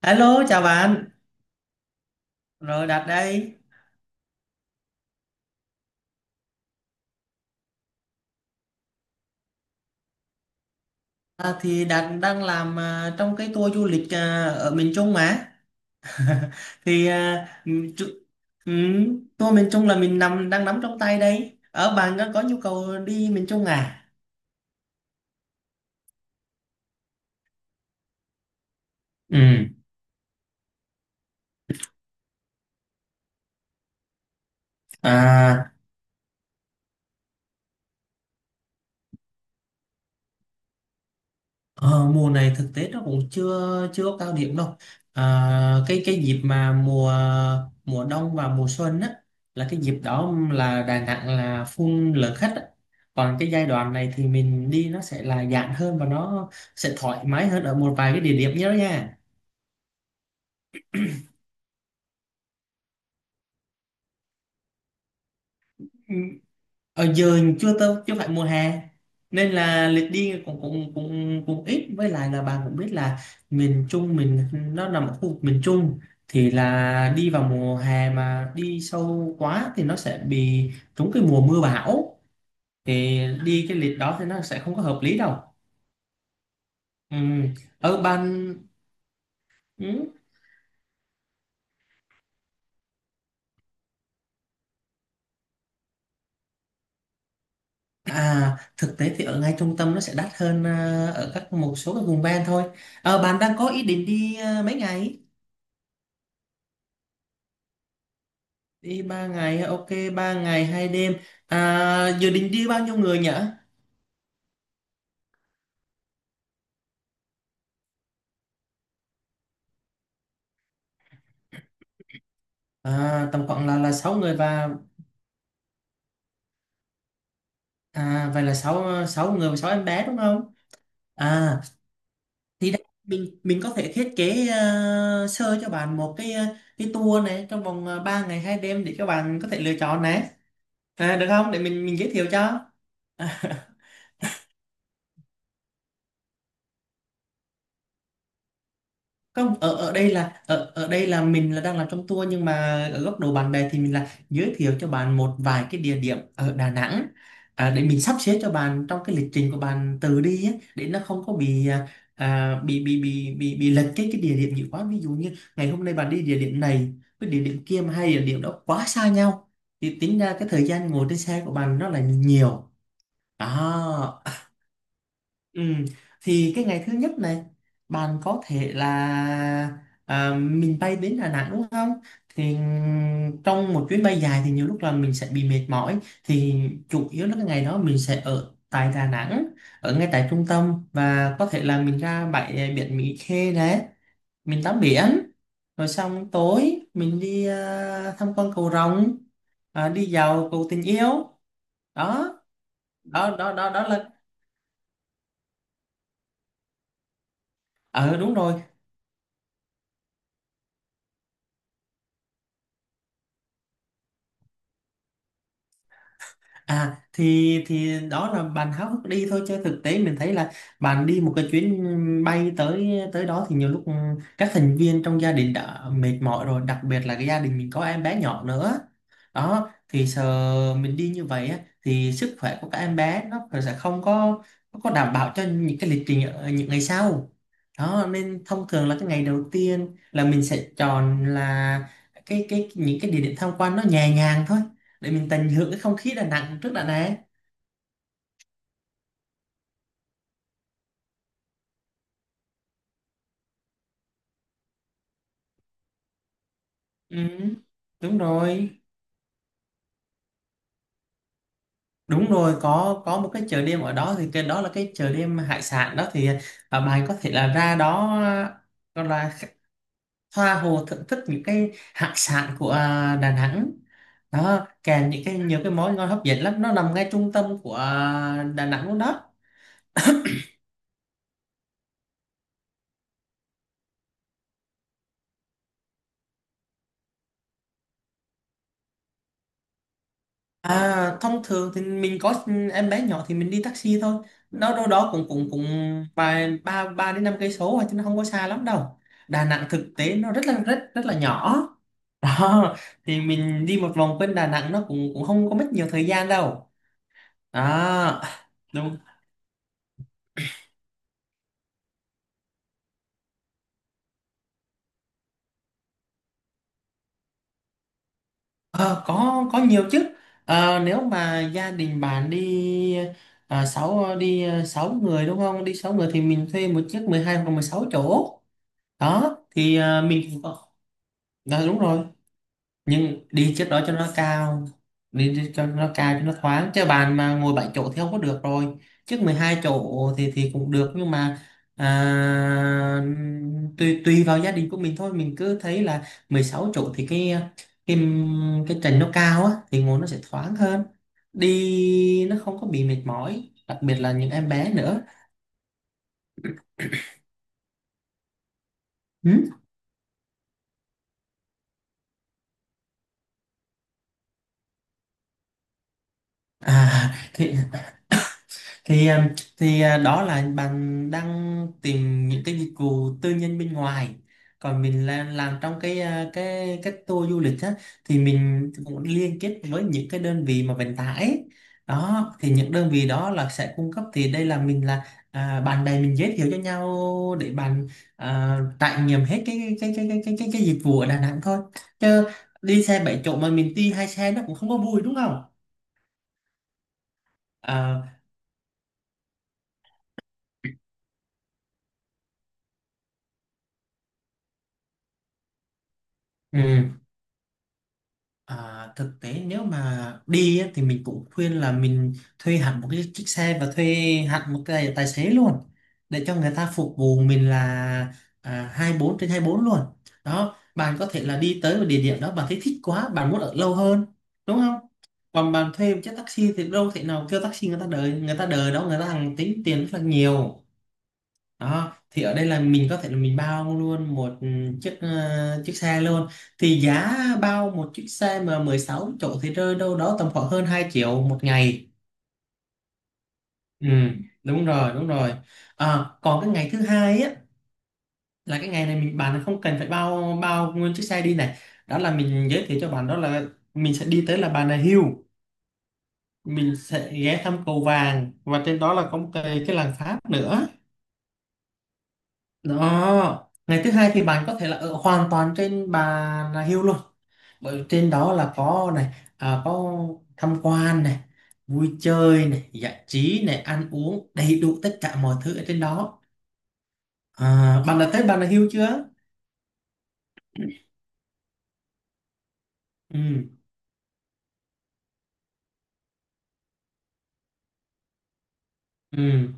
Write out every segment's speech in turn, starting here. Alo, chào bạn. Rồi Đạt đây. Thì Đạt đang làm trong cái tour du lịch ở miền Trung mà. Thì tour miền Trung là mình nằm đang nắm trong tay đây. Ở bạn có nhu cầu đi miền Trung à? Ừ. À, Ờ, mùa này thực tế nó cũng chưa chưa có cao điểm đâu. à, cái dịp mà mùa mùa đông và mùa xuân á là cái dịp đó là Đà Nẵng là full lượng khách á. Còn cái giai đoạn này thì mình đi nó sẽ là giãn hơn và nó sẽ thoải mái hơn ở một vài cái địa điểm nhớ nha. Ừ, ở giờ chưa tới, chưa phải mùa hè nên là lịch đi cũng cũng cũng cũng ít, với lại là bà cũng biết là miền Trung mình nó nằm ở khu vực miền Trung, thì là đi vào mùa hè mà đi sâu quá thì nó sẽ bị trúng cái mùa mưa bão, thì đi cái lịch đó thì nó sẽ không có hợp lý đâu. Ừ, ở ban ừ. Thực tế thì ở ngay trung tâm nó sẽ đắt hơn, ở các một số các vùng ven thôi. Bạn đang có ý định đi mấy ngày? Đi ba ngày, ok, ba ngày hai đêm. À, dự định đi bao nhiêu người nhỉ? À, tầm khoảng là sáu người và à, vậy là sáu sáu người và sáu em bé đúng không? À, thì đây, mình có thể thiết kế sơ cho bạn một cái cái tour này trong vòng ba ngày hai đêm để cho bạn có thể lựa chọn này. À, được không? Để mình giới thiệu cho. Không, ở ở đây là ở ở đây là mình là đang làm trong tour, nhưng mà ở góc độ bạn bè thì mình là giới thiệu cho bạn một vài cái địa điểm ở Đà Nẵng, để mình sắp xếp cho bạn trong cái lịch trình của bạn từ đi á, để nó không có bị bị lệch cái địa điểm nhiều quá. Ví dụ như ngày hôm nay bạn đi địa điểm này với địa điểm kia mà hai địa điểm đó quá xa nhau thì tính ra cái thời gian ngồi trên xe của bạn nó là nhiều đó. Ừ, thì cái ngày thứ nhất này bạn có thể là mình bay đến Đà Nẵng đúng không? Thì trong một chuyến bay dài thì nhiều lúc là mình sẽ bị mệt mỏi, thì chủ yếu là cái ngày đó mình sẽ ở tại Đà Nẵng, ở ngay tại trung tâm, và có thể là mình ra bãi biển Mỹ Khê đấy, mình tắm biển, rồi xong tối mình đi tham quan cầu Rồng, đi dạo cầu tình yêu. Đó đó đó đó đó là ờ đúng rồi. À thì đó là bạn háo hức đi thôi, chứ thực tế mình thấy là bạn đi một chuyến bay tới tới đó thì nhiều lúc các thành viên trong gia đình đã mệt mỏi rồi, đặc biệt là cái gia đình mình có em bé nhỏ nữa. Đó thì sợ mình đi như vậy á, thì sức khỏe của các em bé nó sẽ không có có đảm bảo cho những cái lịch trình ở những ngày sau đó, nên thông thường là cái ngày đầu tiên là mình sẽ chọn là cái những cái địa điểm tham quan nó nhẹ nhàng thôi, để mình tận hưởng cái không khí Đà Nẵng trước đã Nẵng. Ừ, đúng rồi, đúng rồi, có một cái chợ đêm ở đó, thì cái đó là cái chợ đêm hải sản đó, thì bạn có thể là ra đó gọi là tha hồ thưởng thức những cái hải sản của Đà Nẵng đó, kèm những nhiều cái món ngon hấp dẫn lắm. Nó nằm ngay trung tâm của Đà Nẵng luôn đó. À, thông thường thì mình có em bé nhỏ thì mình đi taxi thôi. Nó đâu đó cũng cũng cũng vài ba ba đến năm cây số chứ nó không có xa lắm đâu. Đà Nẵng thực tế nó rất là rất rất là nhỏ. Đó, thì mình đi một vòng quanh Đà Nẵng nó cũng cũng không có mất nhiều thời gian đâu. Đó. Đúng. Ờ, có nhiều chứ. Ờ, nếu mà gia đình bạn đi sáu người đúng không? Đi sáu người thì mình thuê một chiếc 12 hoặc 16 chỗ. Đó thì mình cũng có- đó đúng rồi, nhưng đi chiếc đó cho nó cao. Đi, đi cho nó cao cho nó thoáng, chứ bàn mà ngồi 7 chỗ thì không có được rồi. Chiếc 12 chỗ thì cũng được, nhưng mà à, tùy tùy vào gia đình của mình thôi. Mình cứ thấy là 16 chỗ thì cái cái trần nó cao á, thì ngồi nó sẽ thoáng hơn, đi nó không có bị mệt mỏi, đặc biệt là những em bé nữa. Ừ. à thì um, thì đó là bạn đang tìm những cái dịch vụ tư nhân bên ngoài, còn mình là làm trong cái cái tour du lịch á, thì mình cũng liên kết với những cái đơn vị mà vận tải, đó thì những đơn vị đó là sẽ cung cấp. Thì đây là mình là bạn bè mình giới thiệu cho nhau để bạn trải nghiệm hết cái dịch vụ ở Đà Nẵng thôi, chứ đi xe 7 chỗ mà mình đi hai xe nó cũng không có vui đúng không. À, ừ. À, thực tế nếu mà đi á, thì mình cũng khuyên là mình thuê hẳn một cái chiếc xe và thuê hẳn một cái tài xế luôn, để cho người ta phục vụ mình là 24/24 luôn. Đó, bạn có thể là đi tới một địa điểm đó bạn thấy thích quá bạn muốn ở lâu hơn đúng không, còn bạn thuê một chiếc taxi thì đâu thể nào kêu taxi người ta đợi, người ta đợi đó người ta hàng tính tiền rất là nhiều. Đó thì ở đây là mình có thể là mình bao luôn một chiếc xe luôn. Thì giá bao một chiếc xe mà 16 chỗ thì rơi đâu đó tầm khoảng hơn 2 triệu một ngày. Ừ đúng rồi, đúng rồi. À, còn cái ngày thứ hai á là cái ngày này bạn không cần phải bao bao nguyên chiếc xe đi này. Đó là mình giới thiệu cho bạn, đó là mình sẽ đi tới là Bà Nà Hills, mình sẽ ghé thăm cầu vàng và trên đó là có một cái làng Pháp nữa. Đó, ngày thứ hai thì bạn có thể là ở hoàn toàn trên Bà Nà Hills luôn. Bởi trên đó là có này, có tham quan này, vui chơi này, giải trí này, ăn uống, đầy đủ tất cả mọi thứ ở trên đó. À, bạn đã tới Bà Nà Hills chưa? Ừ, ừ.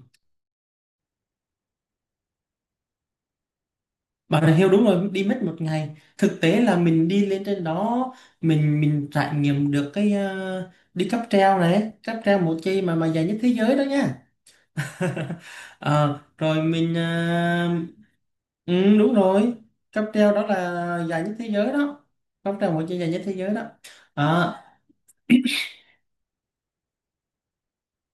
Bà Nà Hills đúng rồi, đi mất một ngày. Thực tế là mình đi lên trên đó, mình trải nghiệm được cái đi cáp treo này, cáp treo một chi mà dài nhất thế giới đó nha. Ờ, rồi mình ừ, đúng rồi, cáp treo đó là dài nhất thế giới đó, cáp treo một chiếc dài nhất thế giới đó. Ờ,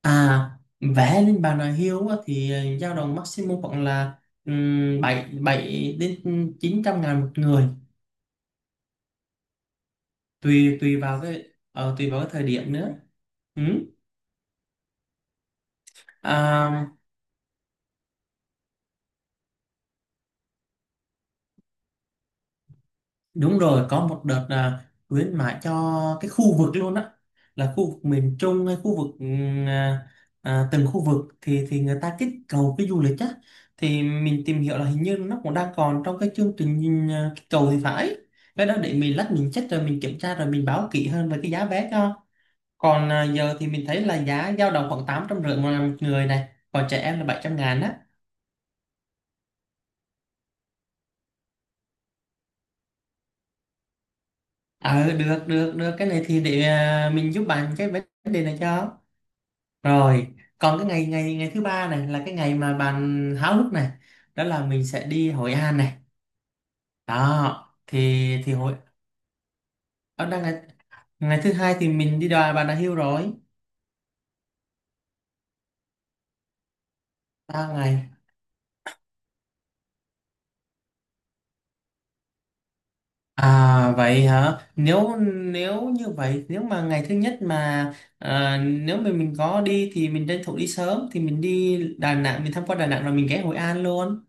à vẽ lên bàn đà hiếu á, thì dao động maximum khoảng là 7 7 đến 900.000 một người, tùy tùy vào cái tùy vào cái thời điểm nữa. Ừ. À, Đúng rồi, có một đợt là khuyến mãi cho cái khu vực luôn á, là khu vực miền Trung hay khu vực từng khu vực thì người ta kích cầu cái du lịch á, thì mình tìm hiểu là hình như nó cũng đang còn trong cái chương trình kích cầu thì phải. Cái đó để mình lát mình check rồi mình kiểm tra rồi mình báo kỹ hơn về cái giá vé cho. Còn giờ thì mình thấy là giá dao động khoảng 850.000 một một người này, còn trẻ em là 700.000 á. Ờ được, được, được, cái này thì để mình giúp bạn cái vấn đề này cho. Rồi, còn cái ngày ngày ngày thứ ba này là cái ngày mà bạn háo hức này, đó là mình sẽ đi Hội An này. Đó, thì Hội ở đang ngày, ngày thứ hai thì mình đi đò Bà Nà Hills rồi, ba ngày. À vậy hả? Nếu Nếu như vậy, nếu mà ngày thứ nhất mà nếu mà mình có đi thì mình tranh thủ đi sớm, thì mình đi Đà Nẵng, mình tham quan Đà Nẵng rồi mình ghé Hội An luôn.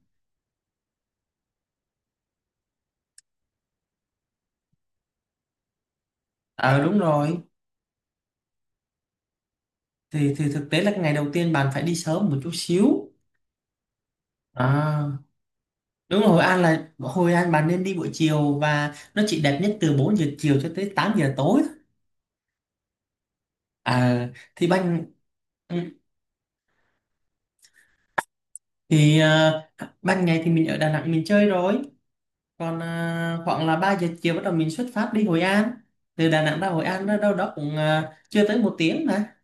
Ờ đúng rồi. Thì thực tế là cái ngày đầu tiên bạn phải đi sớm một chút xíu. À Đúng rồi, Hội An là Hội An bạn nên đi buổi chiều, và nó chỉ đẹp nhất từ 4 giờ chiều cho tới 8 giờ tối thôi. À thì ban ừ, thì ờ, ban ngày thì mình ở Đà Nẵng mình chơi rồi, còn khoảng là 3 giờ chiều bắt đầu mình xuất phát đi Hội An. Từ Đà Nẵng ra Hội An đó đâu đó cũng chưa tới một tiếng mà,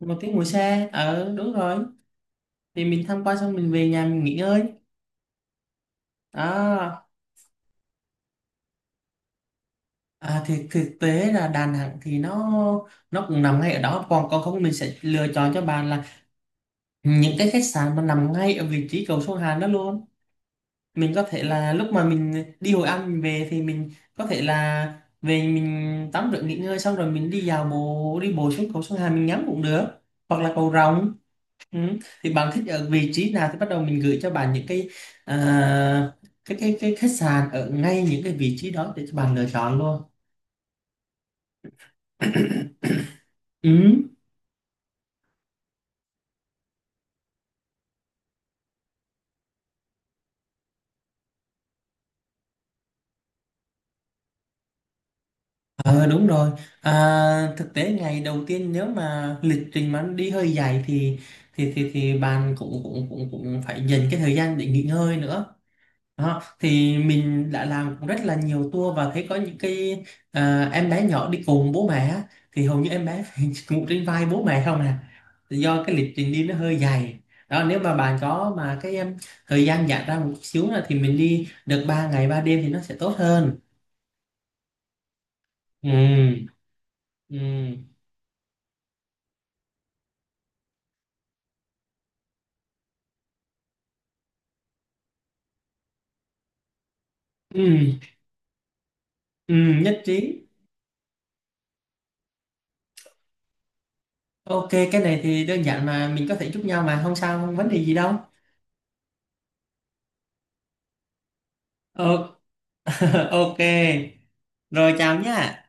một tiếng ngồi xe. Ờ đúng rồi. Thì mình tham quan xong mình về nhà mình nghỉ ngơi. Đó. À, thì thực tế là Đà Nẵng thì nó cũng nằm ngay ở đó. Còn còn không mình sẽ lựa chọn cho bạn là những cái khách sạn mà nằm ngay ở vị trí cầu sông Hàn đó luôn. Mình có thể là lúc mà mình đi Hội An mình về thì mình có thể là về mình tắm rửa nghỉ ngơi xong rồi mình đi dạo bộ đi bộ xuống cầu sông Hàn mình ngắm cũng được, hoặc là cầu Rồng. Ừ, thì bạn thích ở vị trí nào thì bắt đầu mình gửi cho bạn những cái à, cái khách sạn ở ngay những cái vị trí đó để cho bạn lựa chọn luôn. Ừ. Ờ đúng rồi, thực tế ngày đầu tiên nếu mà lịch trình mà đi hơi dài thì bạn cũng cũng cũng cũng phải dành cái thời gian để nghỉ ngơi nữa đó. Thì mình đã làm cũng rất là nhiều tour và thấy có những cái em bé nhỏ đi cùng bố mẹ á, thì hầu như em bé phải ngủ trên vai bố mẹ không à, do cái lịch trình đi nó hơi dài đó. Nếu mà bạn có mà thời gian giãn ra một chút xíu là thì mình đi được 3 ngày 3 đêm thì nó sẽ tốt hơn. Ừ ừ ừ Ừ, nhất trí. Ok, cái này thì đơn giản mà mình có thể giúp nhau mà không sao, không vấn đề gì đâu. Ờ, ok, rồi chào nhá.